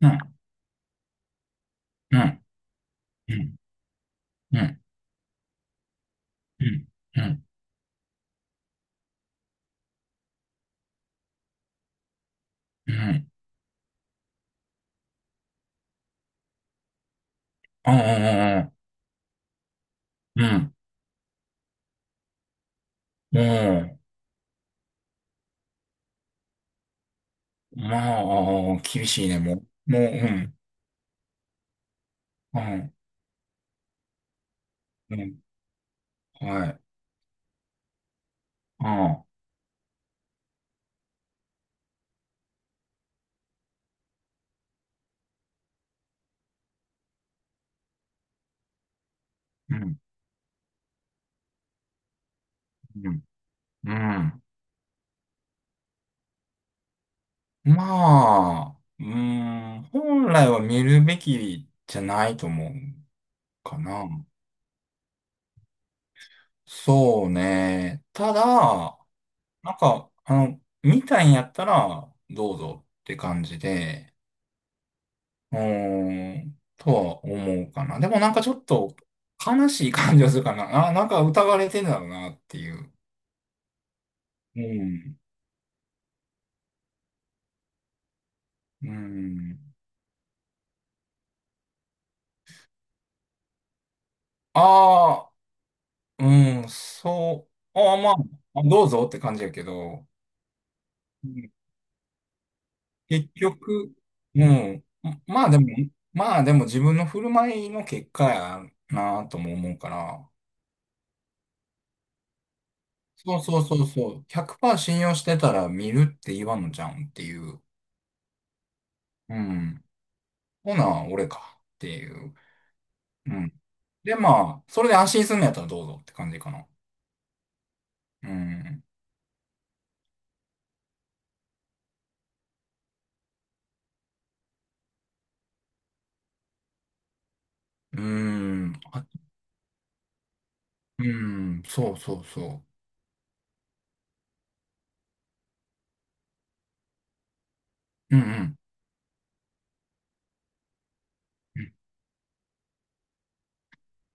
うん、うん、うん、うん、うん、うん、うん。ああ、うん、もうん、まあ、厳しいね、もう。もう、うん、うん、うん、はい、ああ、うん、うん、うん。まあ、うん、本来は見るべきじゃないと思うかな。そうね。ただ、なんか、見たいんやったら、どうぞって感じで、うーん、とは思うかな。でもなんかちょっと悲しい感じがするかな。あ、なんか疑われてんだろうなっていう。うん。うん。ああ、うん、そう。ああ、まあ、どうぞって感じやけど、うん、結局、うん。まあでも、自分の振る舞いの結果やなとも思うから、そうそうそうそう。100%信用してたら見るって言わんのじゃうんっていう。うん。ほな、俺かっていう。うん。で、まあ、それで安心するんのやったらどうぞって感じかな。うん。うん。あ、うん。そうそうそう。うんうん。うん。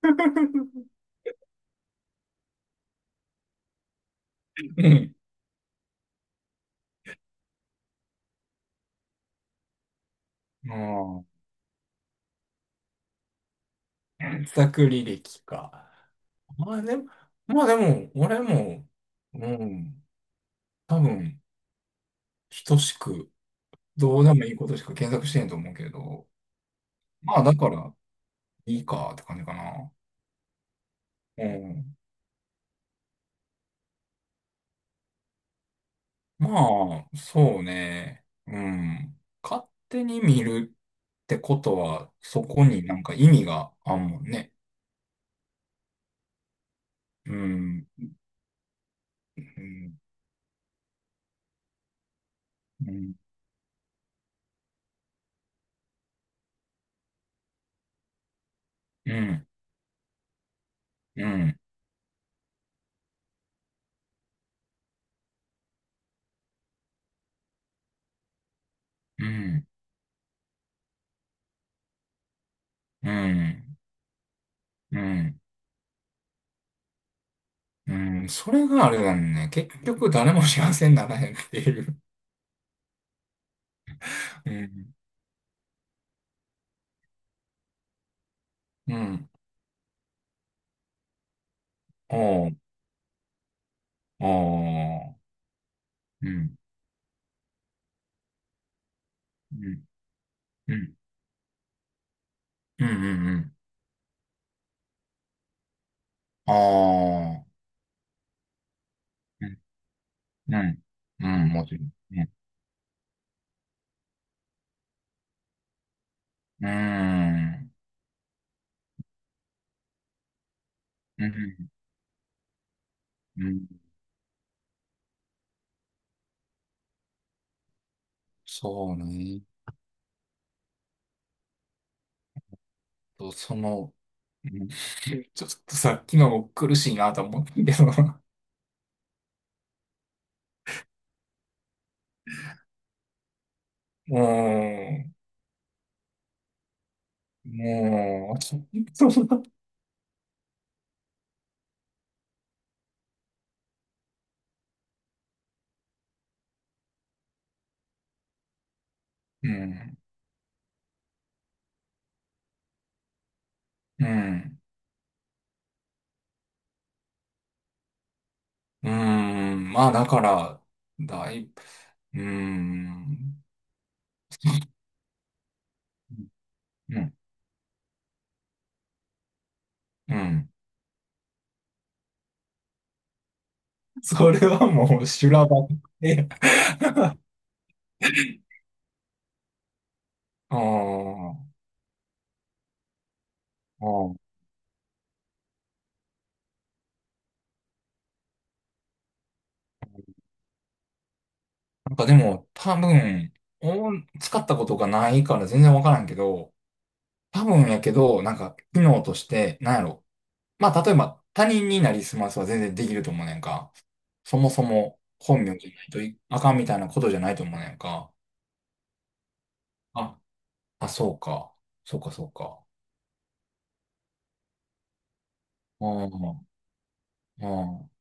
うん。自作履歴か。まあでも、俺も、うん。多分、等しく、どうでもいいことしか検索してんと思うけど。まあだから、いいかって感じかな。うん。まあ、そうね。うん。勝手に見るってことは、そこになんか意味があんもんね。うん。うん。うん。うん。うん。うん。うん。うんうん、それがあれだね。結局誰も幸せにならへんっていう。うん。うん。おう。おう。うん。うん。うん。うん。うんうん、ああ。うん。うん。うん。もちろん。うん。うん。うん。うん、そうね。と、その、うん ちょっとさっきのも苦しいなと思ったけど、もう、もう、そんな、うん、うん、うん、まあだから、だいぶ、うん、うん、うん。それはもう修羅場で、ああ、ああ、なんかでも多分、お使ったことがないから全然わからんけど、多分やけど、なんか、機能として、なんやろ、まあ、例えば、他人になりすますは全然できると思うねんか。そもそも本名じゃないといあかんみたいなことじゃないと思うねんか。あ、あ、そうか。そうか、そうか。うん、うん。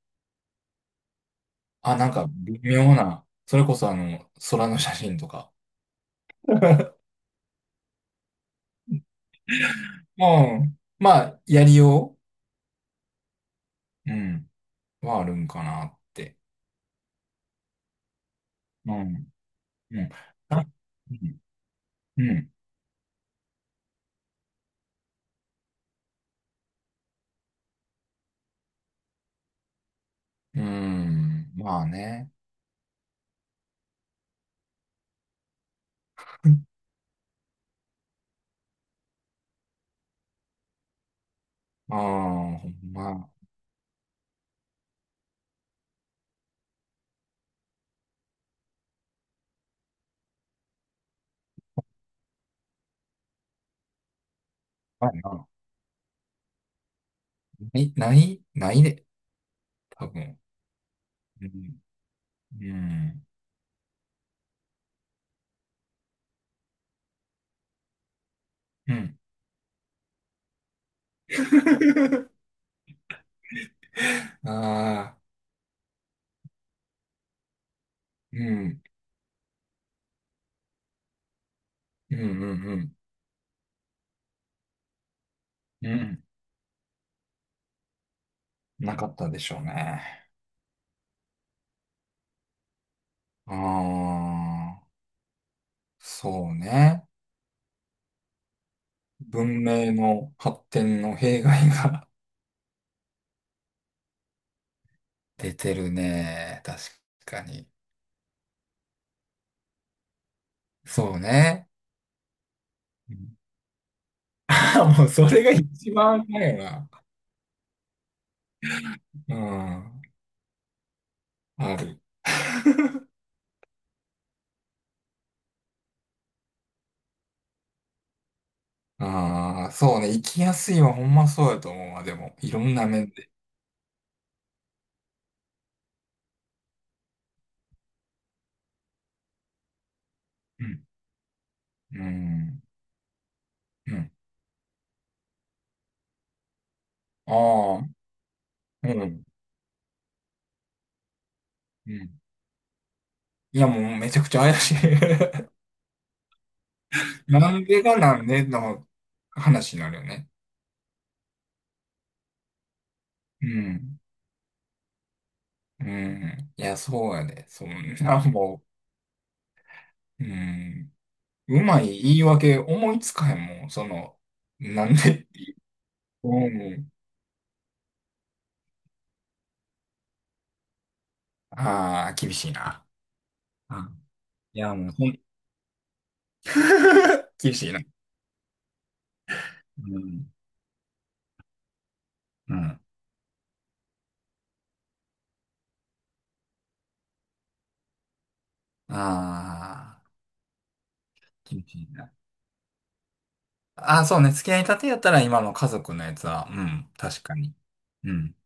あ、なんか微妙な。それこそあの、空の写真とか。うん。まあ、やりよう、うん、はあるんかなって。うん。うん。あ、うん。うん。うん、まあね。ああ、ほんま。まあな、ない、ない、ないで。多分。うん。うん。うん。ああ、うん。うんうんうん。うん。なかったでしょうね。ああ、そうね。文明の発展の弊害が 出てるね。確かに。そうね。あ、もうそれが一番だよな。うん。ある。ああ、そうね。生きやすいはほんまそうやと思うわ。でも、いろんな面で。うん。うん。うん。ああ。うん。うん。いや、もうめちゃくちゃ怪しい なんでがなんでの話になるよね。うん。うん。いや、そうやで。そんな、もう、うん。うまい言い訳思いつかへんもん。その、なんで。うん。ああ、厳しいな。あ、いや、もう、厳しいな。うん。うん。ああ、厳しいな。ああ、そうね。付き合いたてやったら今の家族のやつは、うん、確かに。うん。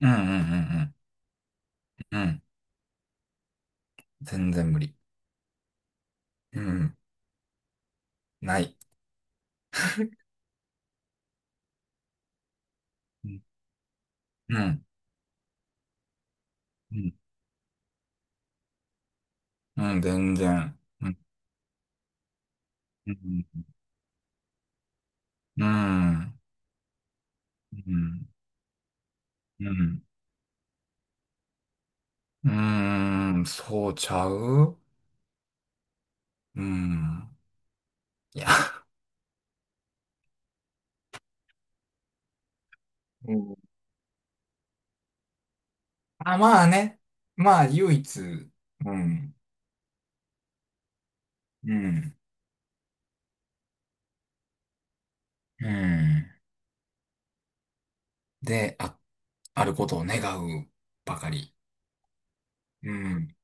うんうんうんうん。うん。全然無理。うん。ない。うん。うん。うん。うん、全然。うん。うん。うん。うん。うん。うんうん、そうちゃう、うん。いや。うん。あ、まあね。まあ、唯一。うん。うん。うん。で、あ、あることを願うばかり。うん。